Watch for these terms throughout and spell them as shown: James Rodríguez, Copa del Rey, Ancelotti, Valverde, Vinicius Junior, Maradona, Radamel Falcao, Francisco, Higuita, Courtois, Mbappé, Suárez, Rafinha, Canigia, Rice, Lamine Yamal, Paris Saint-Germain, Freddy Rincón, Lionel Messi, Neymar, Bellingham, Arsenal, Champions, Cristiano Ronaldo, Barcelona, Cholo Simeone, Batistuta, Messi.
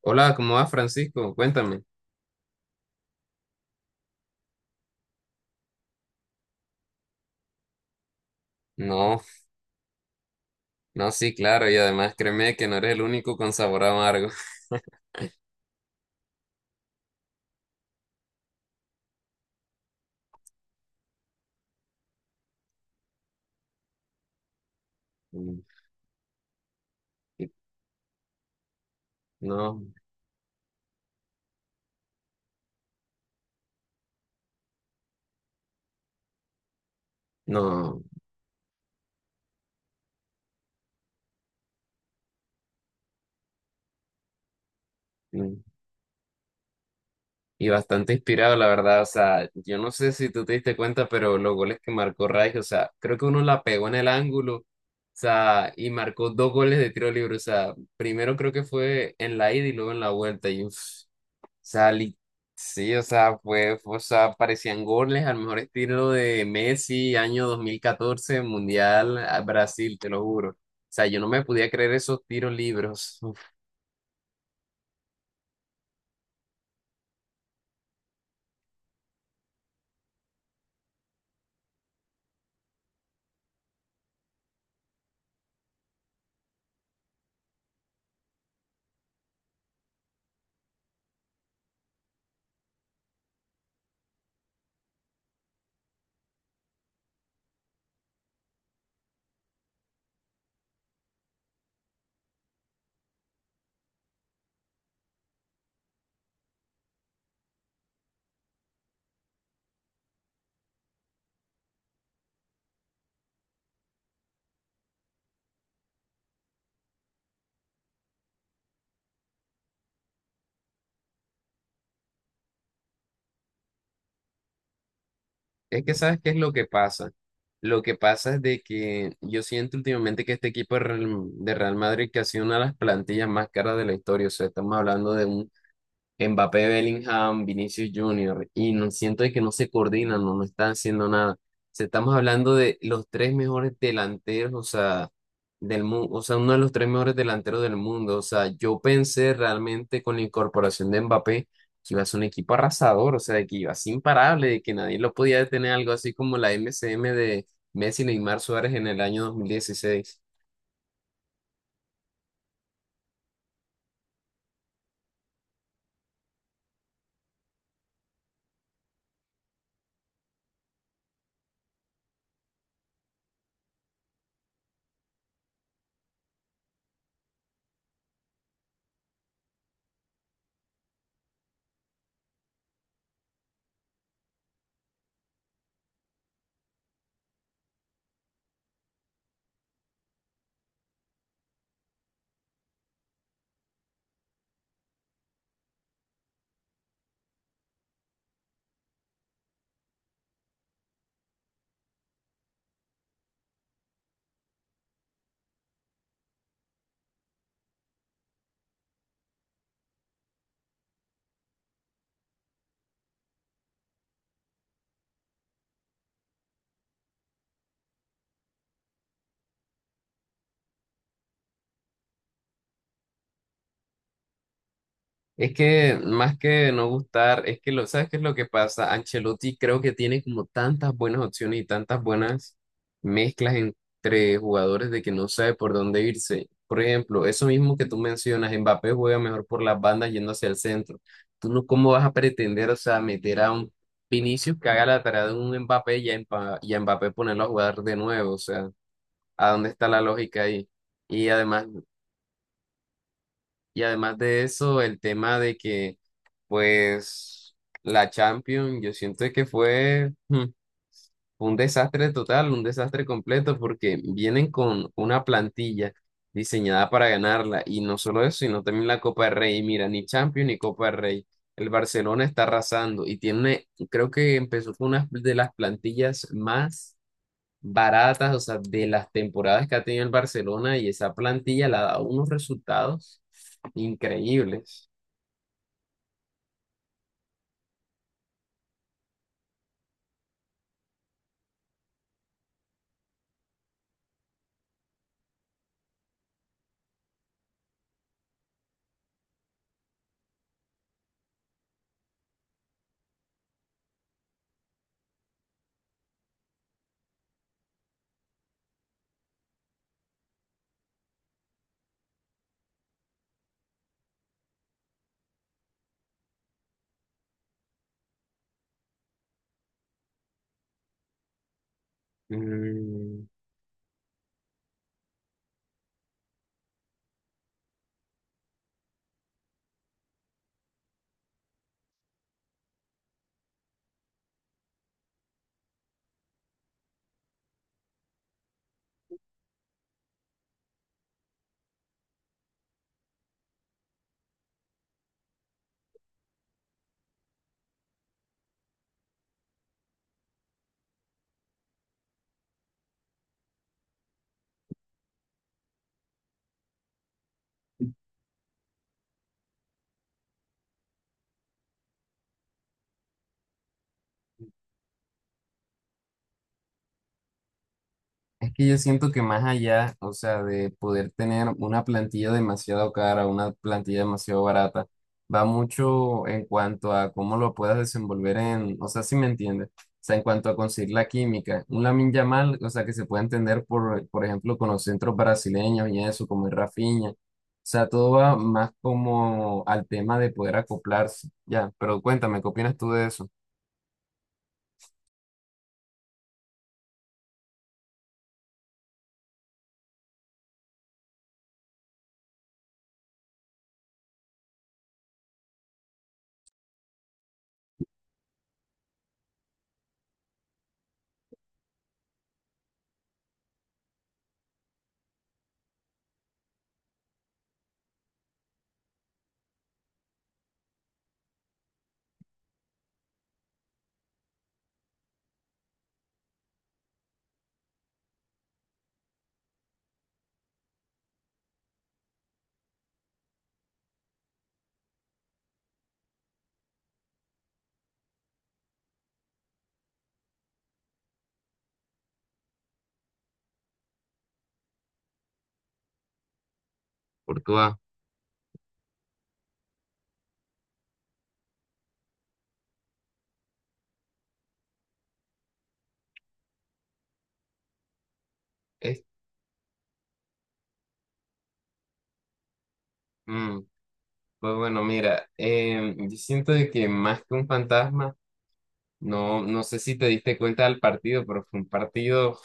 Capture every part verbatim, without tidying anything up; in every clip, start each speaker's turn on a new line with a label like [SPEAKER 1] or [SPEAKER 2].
[SPEAKER 1] Hola, ¿cómo vas, Francisco? Cuéntame. No, no, sí, claro, y además créeme que no eres el único con sabor amargo. Mm. y- No, no, mm, y bastante inspirado, la verdad. O sea, yo no sé si tú te diste cuenta, pero los goles que marcó Rice, o sea, creo que uno la pegó en el ángulo, o sea, y marcó dos goles de tiro libre. O sea, primero creo que fue en la ida y luego en la vuelta, y uff. sea, li- sí, o sea, fue, fue- o sea, parecían goles al mejor estilo de Messi, año dos mil catorce Mundial a Brasil, te lo juro. O sea, yo no me podía creer esos tiros libres. Uf. Es que, ¿sabes qué es lo que pasa? Lo que pasa es de que yo siento últimamente que este equipo de Real de Real Madrid que ha sido una de las plantillas más caras de la historia. O sea, estamos hablando de un Mbappé, Bellingham, Vinicius Junior, y no siento de que no se coordinan, no, no están haciendo nada. O sea, estamos hablando de los tres mejores delanteros, o sea, del mundo, o sea, uno de los tres mejores delanteros del mundo. O sea, yo pensé realmente con la incorporación de Mbappé que iba a ser un equipo arrasador, o sea, de que iba a ser imparable, de que nadie lo podía detener, algo así como la M C M de Messi, Neymar, Suárez en el año dos mil dieciséis. Es que más que no gustar, es que lo, ¿sabes qué es lo que pasa? Ancelotti creo que tiene como tantas buenas opciones y tantas buenas mezclas entre jugadores de que no sabe por dónde irse. Por ejemplo, eso mismo que tú mencionas, Mbappé juega mejor por las bandas yendo hacia el centro. Tú no, ¿cómo vas a pretender, o sea, meter a un Vinicius que haga la tarea de un Mbappé y a, Mpa- y a Mbappé ponerlo a jugar de nuevo? O sea, ¿a dónde está la lógica ahí? Y además y además de eso, el tema de que, pues, la Champions, yo siento que fue mm, un desastre total, un desastre completo, porque vienen con una plantilla diseñada para ganarla. Y no solo eso, sino también la Copa del Rey. Y mira, ni Champions ni Copa del Rey. El Barcelona está arrasando y tiene, creo que empezó con una de las plantillas más baratas, o sea, de las temporadas que ha tenido el Barcelona y esa plantilla le ha dado unos resultados increíbles. Mm. Es que yo siento que más allá, o sea, de poder tener una plantilla demasiado cara, una plantilla demasiado barata, va mucho en cuanto a cómo lo puedas desenvolver en, o sea, si me entiendes, o sea, en cuanto a conseguir la química. Un Lamine Yamal, o sea, que se puede entender por, por ejemplo, con los centros brasileños y eso, como el Rafinha. O sea, todo va más como al tema de poder acoplarse. Ya, pero cuéntame, ¿qué opinas tú de eso? Por tu. Pues bueno, mira, em, yo siento de que más que un fantasma, no, no sé si te diste cuenta del partido, pero fue un partido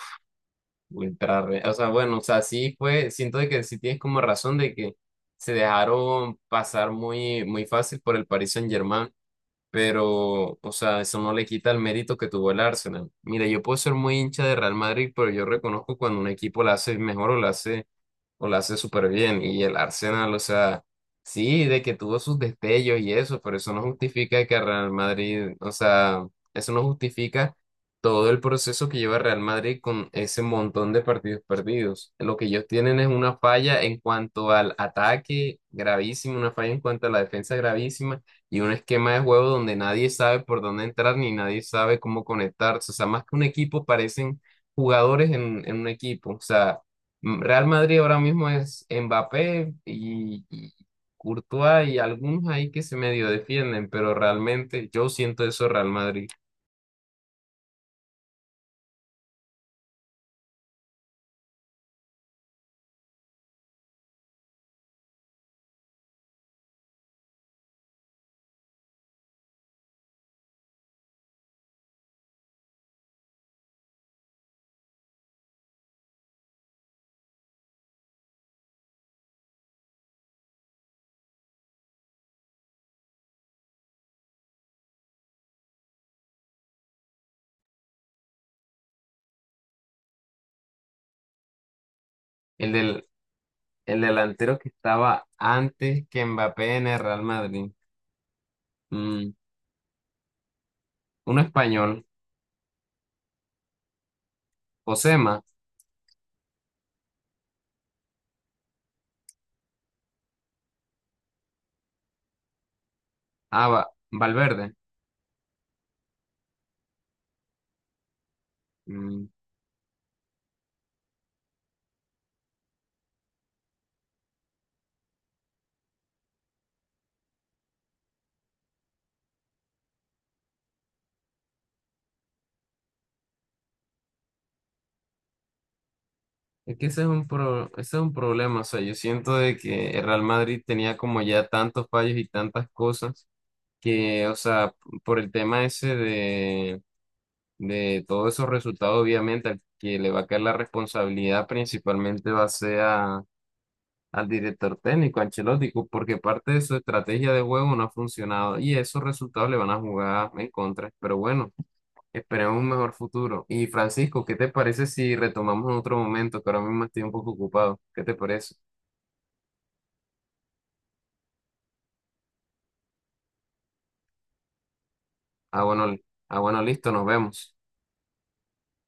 [SPEAKER 1] ultra, re- o sea, bueno, o sea, sí fue, siento de que sí tienes como razón de que se dejaron pasar muy, muy fácil por el Paris Saint-Germain, pero, o sea, eso no le quita el mérito que tuvo el Arsenal. Mira, yo puedo ser muy hincha de Real Madrid, pero yo reconozco cuando un equipo la hace mejor o la hace o la hace súper bien. Y el Arsenal, o sea, sí, de que tuvo sus destellos y eso, pero eso no justifica que Real Madrid, o sea, eso no justifica todo el proceso que lleva Real Madrid con ese montón de partidos perdidos. Lo que ellos tienen es una falla en cuanto al ataque gravísima, una falla en cuanto a la defensa gravísima y un esquema de juego donde nadie sabe por dónde entrar ni nadie sabe cómo conectarse. O sea, más que un equipo, parecen jugadores en, en un equipo. O sea, Mm, Real Madrid ahora mismo es Mbappé y, y Courtois y algunos ahí que se medio defienden, pero realmente yo siento eso Real Madrid. El del el delantero que estaba antes que Mbappé en el Real Madrid, mm, un español, Josema, ah, Va- Valverde. mm, es que ese es un pro- ese es un problema, o sea, yo siento de que el Real Madrid tenía como ya tantos fallos y tantas cosas que, o sea, por el tema ese de todos esos resultados, obviamente, al que le va a caer la responsabilidad principalmente va a ser a- al director técnico, a Ancelotti, cu- porque parte de su estrategia de juego no ha funcionado y esos resultados le van a jugar en contra. Pero bueno, esperemos un mejor futuro. Y Francisco, ¿qué te parece si retomamos en otro momento? Que ahora mismo estoy un poco ocupado. ¿Qué te parece? Ah, bueno, li- ah, bueno, listo, nos vemos.